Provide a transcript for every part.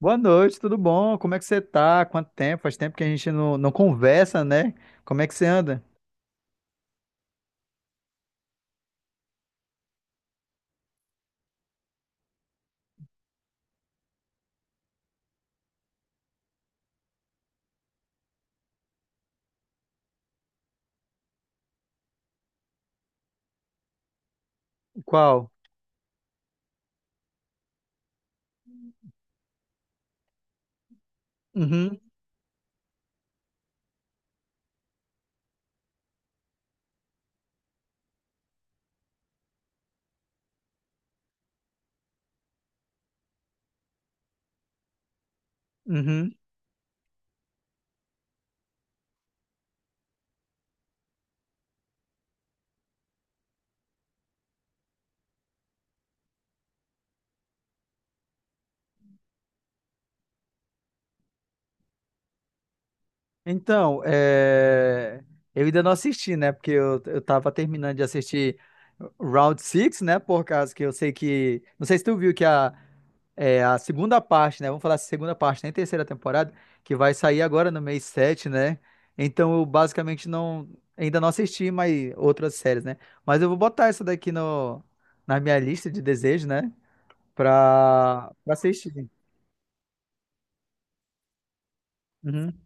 Boa noite, tudo bom? Como é que você tá? Quanto tempo? Faz tempo que a gente não conversa, né? Como é que você anda? Qual? Uhum. uhum. Então, eu ainda não assisti, né? Porque eu tava terminando de assistir Round Six, né? Por causa que eu sei que. Não sei se tu viu que a, é a segunda parte, né? Vamos falar da segunda parte, nem terceira temporada, que vai sair agora no mês 7, né? Então eu basicamente não ainda não assisti mais outras séries, né? Mas eu vou botar essa daqui no, na minha lista de desejos, né? Pra assistir. Uhum.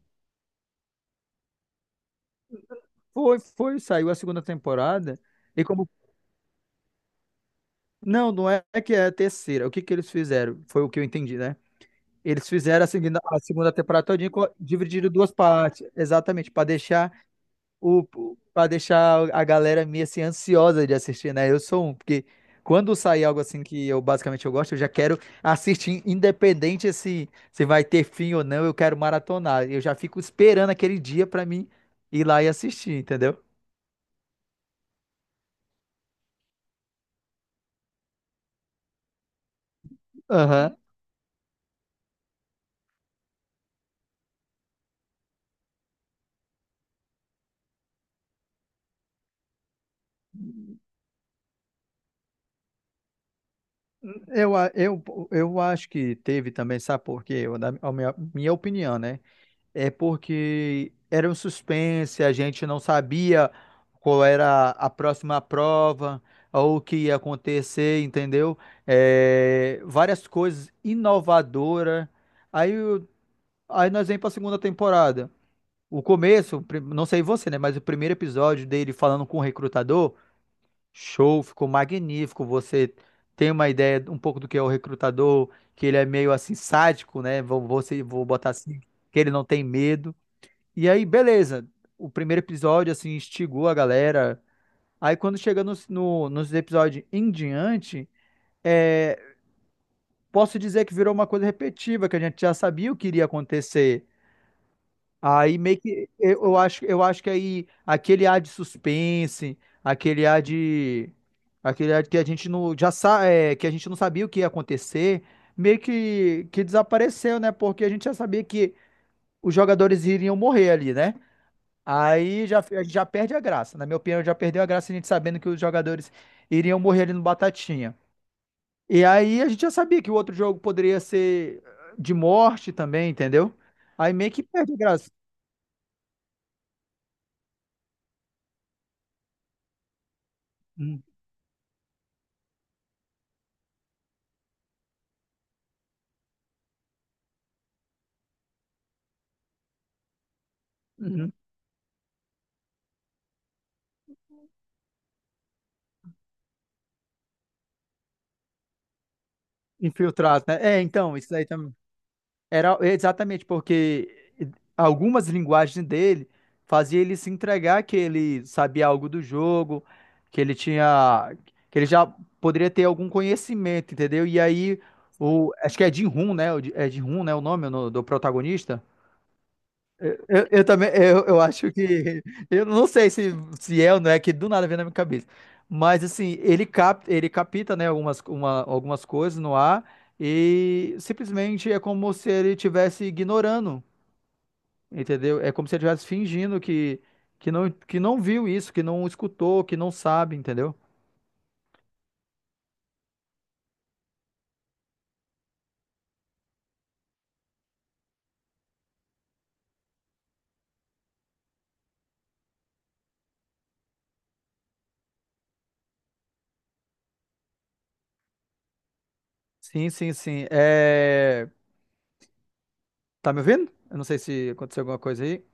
Foi, saiu a segunda temporada. E como. Não, não é que é a terceira. O que que eles fizeram? Foi o que eu entendi, né? Eles fizeram a segunda temporada todinha, dividiram em duas partes. Exatamente, para deixar o, para deixar a galera meio assim ansiosa de assistir, né? Eu sou um, porque quando sair algo assim que eu basicamente eu gosto, eu já quero assistir, independente se vai ter fim ou não, eu quero maratonar. Eu já fico esperando aquele dia pra mim ir lá e assistir, entendeu? Aham. Eu, a- eu, eu acho que teve também, sabe por quê? Eu, na, a minha, minha opinião, né? É porque era um suspense, a gente não sabia qual era a próxima prova ou o que ia acontecer, entendeu? É, várias coisas inovadoras. Aí, o- aí nós vamos para a segunda temporada. O começo, o prim- não sei você, né? Mas o primeiro episódio dele falando com o recrutador, show, ficou magnífico. Você tem uma ideia um pouco do que é o recrutador, que ele é meio assim sádico, né? Vou, vou, se- vou botar assim, que ele não tem medo. E aí, beleza. O primeiro episódio, assim, instigou a galera. Aí, quando chega nos, no- nos episódios em diante, é, posso dizer que virou uma coisa repetitiva, que a gente já sabia o que iria acontecer. Aí, meio que, eu acho que aí, aquele ar de suspense, aquele ar de... aquele ar que a gente não, já sa, é, que a gente não sabia o que ia acontecer, meio que desapareceu, né? Porque a gente já sabia que os jogadores iriam morrer ali, né? Aí já, a gente já perde a graça. Na minha opinião, já perdeu a graça a gente sabendo que os jogadores iriam morrer ali no Batatinha. E aí a gente já sabia que o outro jogo poderia ser de morte também, entendeu? Aí meio que perde a graça. Uhum. Uhum. Infiltrado, né? É, então, isso aí também. Era exatamente porque algumas linguagens dele fazia ele se entregar que ele sabia algo do jogo, que ele tinha, que ele já poderia ter algum conhecimento, entendeu? E aí acho que é Jin-Hoon, né? É Jin-Hoon, né? O nome do do protagonista. Eu acho que, eu não sei se, se é ou não é, que do nada vem na minha cabeça, mas assim, ele capta, né, algumas coisas no ar e simplesmente é como se ele estivesse ignorando, entendeu? É como se ele estivesse fingindo que não viu isso, que não escutou, que não sabe, entendeu? Sim, sim, sim, é... Tá me ouvindo? Eu não sei se aconteceu alguma coisa aí.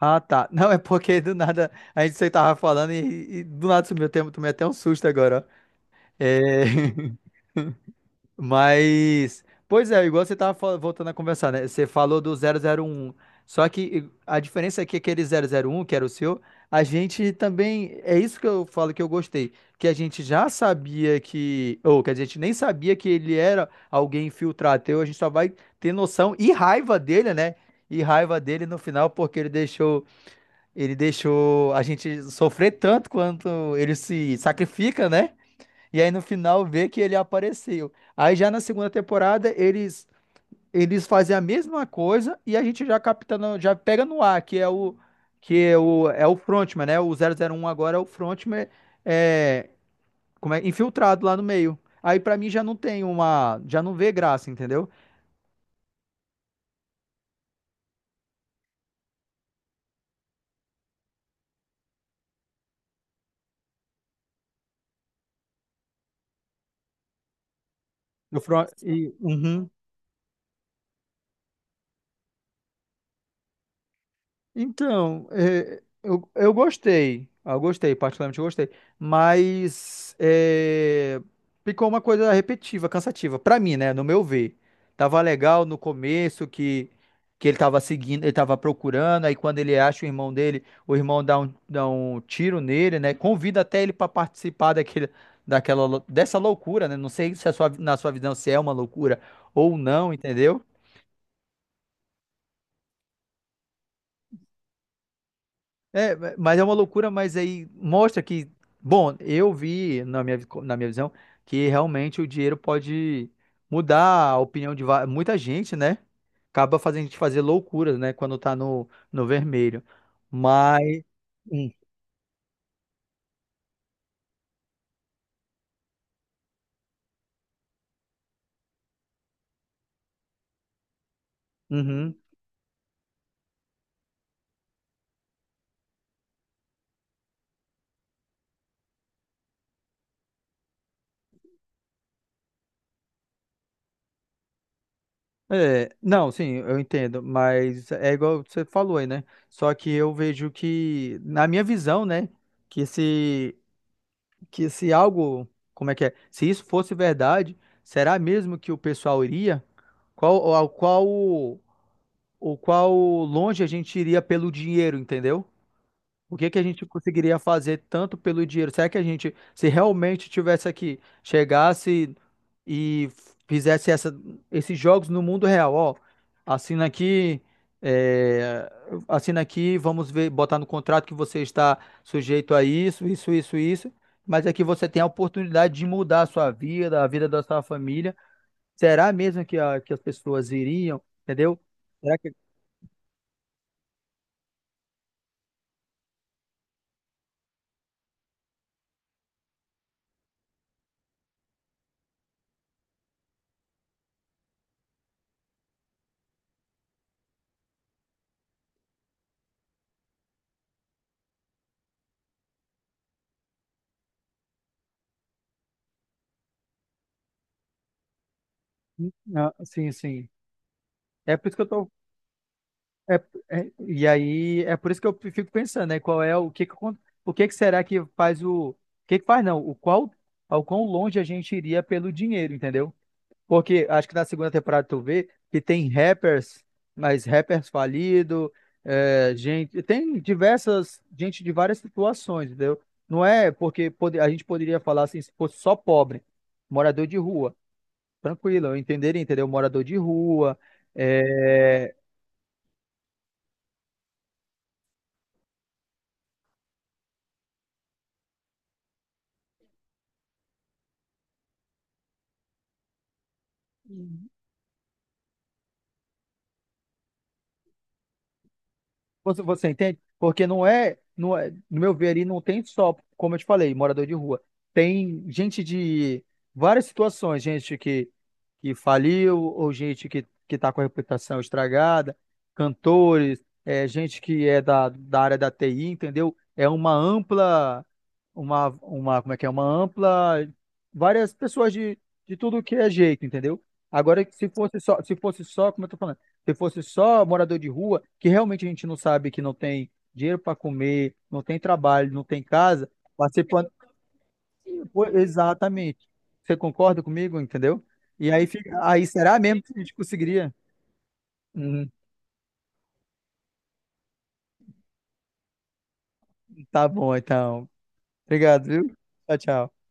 Ah, tá. Não, é porque do nada a gente você tava falando e do nada sumiu o tempo, tomei até um susto agora. Ó. É, mas, pois é, igual você tava voltando a conversar, né? Você falou do zero zero um, só que a diferença é que aquele zero zero um, que era o seu, a gente também, é isso que eu falo que eu gostei, que a gente já sabia que, ou que a gente nem sabia que ele era alguém infiltrado, então a gente só vai ter noção e raiva dele, né? E raiva dele no final porque ele deixou a gente sofrer tanto quanto ele se sacrifica, né? E aí no final vê que ele apareceu. Aí já na segunda temporada eles fazem a mesma coisa e a gente já capta já pega no ar, que é o frontman, né? O zero zero um agora é o frontman é, como é infiltrado lá no meio. Aí pra mim já não tem uma, já não vê graça, entendeu? O front, e, uhum. Então, é, eu gostei. Eu gostei, particularmente eu gostei. Mas é, ficou uma coisa repetitiva, cansativa. Pra mim, né? No meu ver. Tava legal no começo que ele tava seguindo, ele tava procurando. Aí quando ele acha o irmão dele, o irmão dá um tiro nele, né? Convida até ele pra participar daquela, dessa loucura, né? Não sei se na sua visão se é uma loucura ou não, entendeu? É, mas é uma loucura, mas aí mostra que, bom, eu vi na minha visão que realmente o dinheiro pode mudar a opinião de muita gente, né? Acaba fazendo a gente fazer loucuras, né? Quando tá no vermelho. Mas. Hum, uhum. É, não, sim, eu entendo, mas é igual você falou aí, né? Só que eu vejo que, na minha visão, né? Que esse. Que se algo, como é que é? Se isso fosse verdade, será mesmo que o pessoal iria? Qual, ao qual, o qual longe a gente iria pelo dinheiro, entendeu? O que que a gente conseguiria fazer tanto pelo dinheiro? Será que a gente, se realmente tivesse aqui, chegasse e fizesse esses jogos no mundo real, ó, assina aqui, é, assina aqui, vamos ver, botar no contrato que você está sujeito a isso, isso, isso, isso, mas aqui você tem a oportunidade de mudar a sua vida, a vida da sua família. Será mesmo que as pessoas iriam, entendeu? Será que... Ah, sim, sim. É por isso que eu tô é, e aí é por isso que eu fico pensando, né? Qual é o que acon- o que que será que faz o que que faz não? O qual ao quão longe a gente iria pelo dinheiro, entendeu? Porque acho que na segunda temporada tu vê que tem rappers, mas rappers falido, é, gente, tem diversas gente de várias situações, entendeu? Não é porque a gente poderia falar assim, se fosse só pobre, morador de rua, tranquilo, eu entenderia, entendeu? Morador de rua é, você, você entende? Porque não é, não é, no meu ver ali, não tem só, como eu te falei, morador de rua. Tem gente de várias situações, gente que faliu, ou gente que tá com a reputação estragada, cantores, é, gente que é da área da TI, entendeu? É uma ampla, uma, como é que é? Uma ampla, várias pessoas de tudo que é jeito, entendeu? Agora, se fosse só, se fosse só, como eu tô falando se fosse só morador de rua, que realmente a gente não sabe que não tem dinheiro para comer, não tem trabalho, não tem casa, participando. Pô, exatamente. Você concorda comigo, entendeu? E aí, fica- aí será mesmo que a gente conseguiria? Hum, tá bom, então. Obrigado, viu? Tchau, tchau.